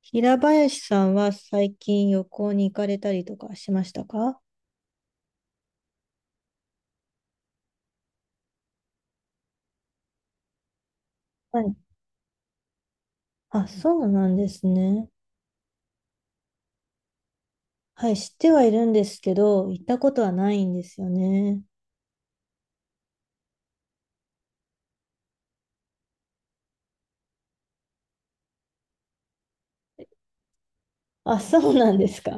平林さんは最近旅行に行かれたりとかしましたか？はい。あ、そうなんですね。はい、知ってはいるんですけど、行ったことはないんですよね。あ、そうなんですか？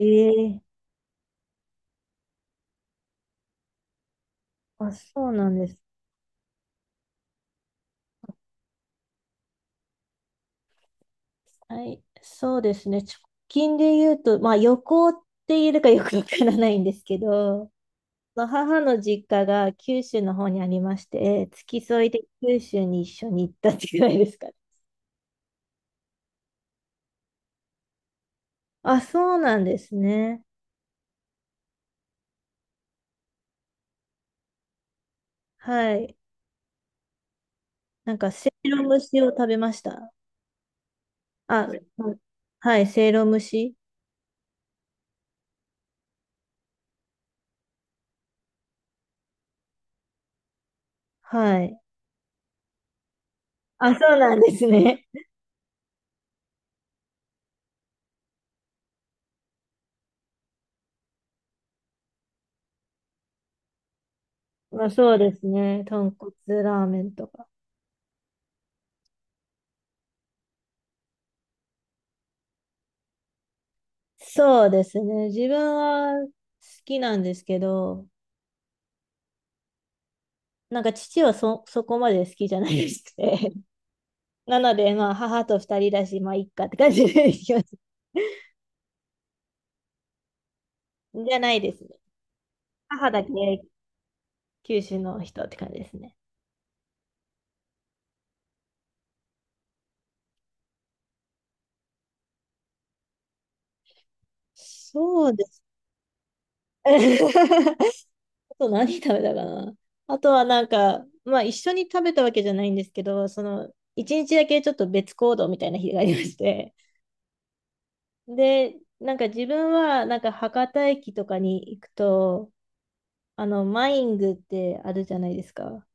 ええ、あ、そうなんです。はい、そうですね。直近で言うと、まあ旅行って言えるかよくわからないんですけど、まあ母の実家が九州の方にありまして、付き添いで九州に一緒に行ったってぐらいですかね。あ、そうなんですね。はい。なんか、せいろ蒸しを食べました。あ、うん、はい、せいろ蒸し。はい。あ、そうなんですね。まあ、そうですね。豚骨ラーメンとか。そうですね。自分は好きなんですけど、なんか父はそこまで好きじゃないですね。なので、まあ、母と二人だし、まあ、いっかって感じで行きます。じゃないですね。母だけ九州の人って感じですね。そうです。と何食べたかな。あとはなんか、まあ一緒に食べたわけじゃないんですけど、その一日だけちょっと別行動みたいな日がありまして。で、なんか自分はなんか博多駅とかに行くと、マイングってあるじゃないですか。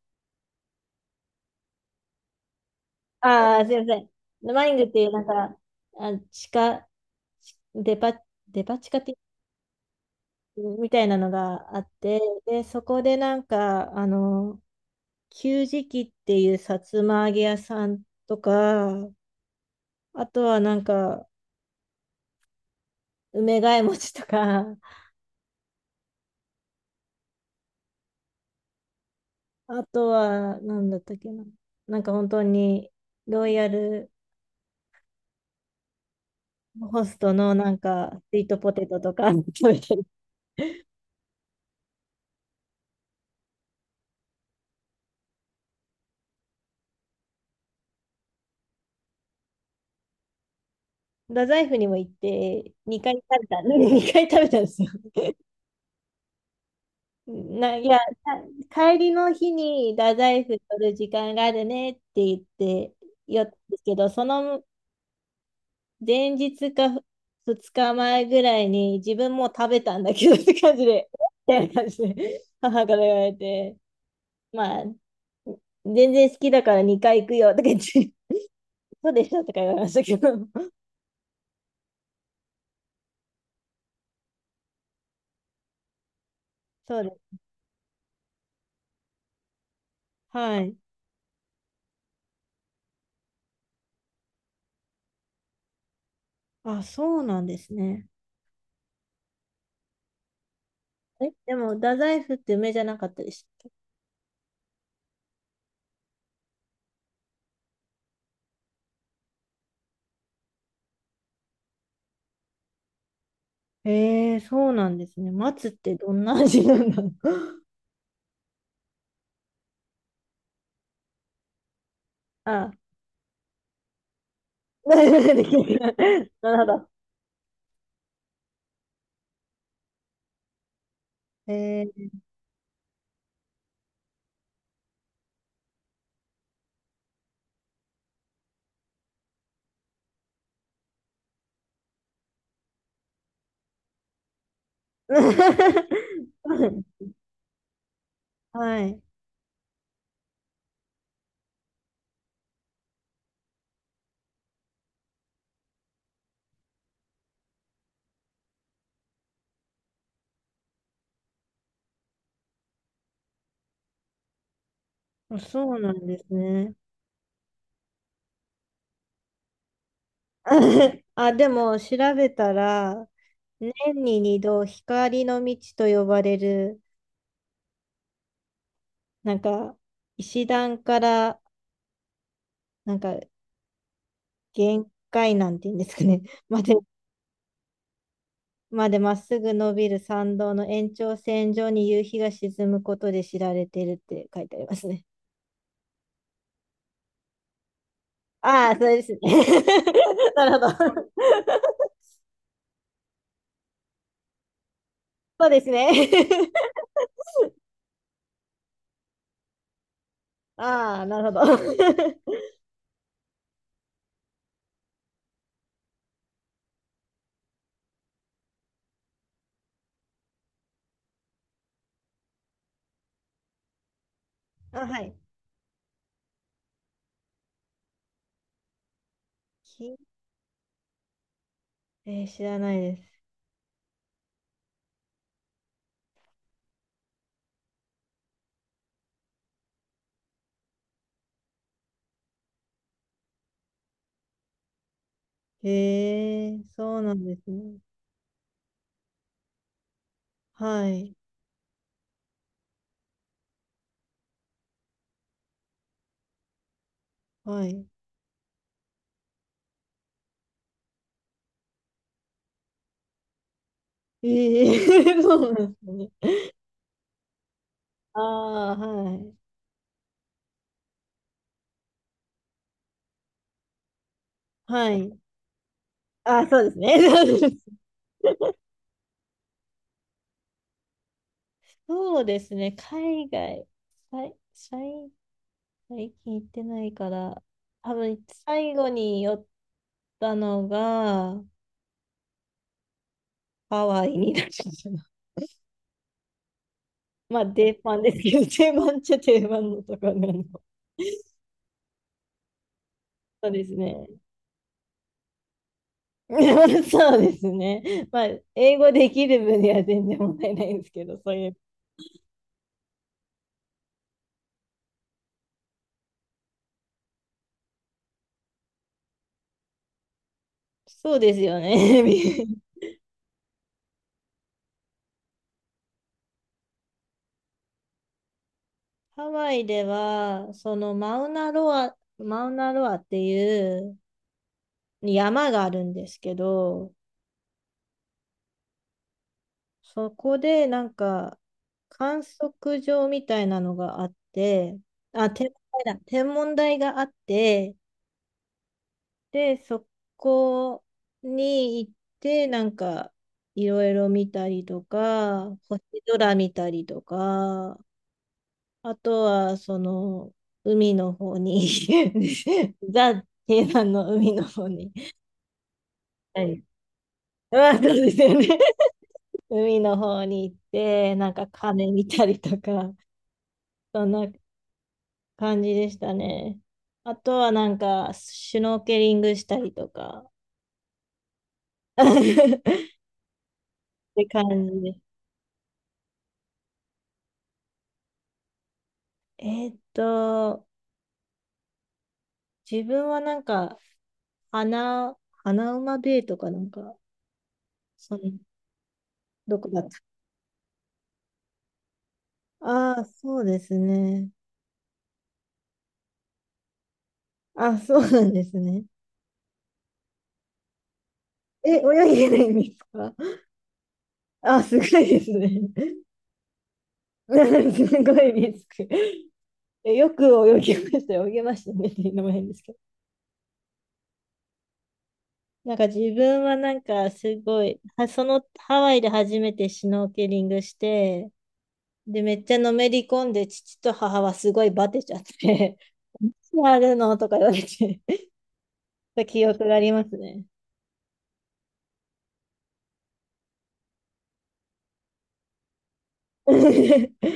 ああ、すいません。マイングっていうなんか、あ、地下、ちデパ、デパ地下ってみたいなのがあって、で、そこでなんか、給食器っていうさつま揚げ屋さんとか、あとはなんか、梅ヶ枝餅とか、あとは、なんだったっけな。なんか本当に、ロイヤルホストのなんか、スイートポテトとか 食べてる。太宰府にも行って、2回食べた、2回食べたんですよ。いや、帰りの日に太宰府取る時間があるねって言って、寄ったんですけど、その前日か2日前ぐらいに自分もう食べたんだけどって感じで、えみたいな感じで母から言われて、まあ、全然好きだから2回行くよとか言って、そうでしたとか言われましたけど、そうです。はい。あ、そうなんですね。え、でも、太宰府って梅じゃなかったでしたっけ？えー、そうなんですね。松ってどんな味なんだろう。あ、なるほど。えー、はい。あ、そうなんですね。あ、でも調べたら、年に二度光の道と呼ばれる、なんか、石段から、なんか、限界なんていうんですかね、まで、までまっすぐ伸びる参道の延長線上に夕日が沈むことで知られてるって書いてありますね。ああ、それですね。なるほど。そうですね。ああ、なるほど。あ、はい。きえー、知らないです。へえ、そうなんですね。はい、はい。ええ、 そうなんですね。ああ、はい。はい。ああ、そうですね。そうですね。海外、さい、最最近行ってないから、多分最後に寄ったのが、ハワイになっちゃったな。まあ、定番ですけど、定番っちゃ定番のところなの。そうですね。そうですね。まあ、英語できる分には全然問題ないんですけど、そういう。そうですよね。ハワイでは、そのマウナロアっていう山があるんですけど、そこでなんか観測場みたいなのがあって、あ、天文台だ、天文台があって、で、そこに行って、なんか、いろいろ見たりとか、星空見たりとか、あとは、その、海の方に ザ・定番の海の方に。はい。まあ、そうですよね。海の方に行って、なんか鐘見たりとか、そんな感じでしたね。あとはなんか、シュノーケリングしたりとか、って感じです。えーっと、自分はなんか、穴、穴馬ベイとかなんか、その、どこだった？ああー、そうですね。あ、そうなんですね。え、泳げないんですか？あ、すごいですね。すごいリスク。え、よく泳ぎましたよ。泳げましたねっていうのも変ですけど。なんか自分はなんかすごい、そのハワイで初めてシュノーケリングして、で、めっちゃのめり込んで、父と母はすごいバテちゃって、何やるのとか言われて、記憶がありますね。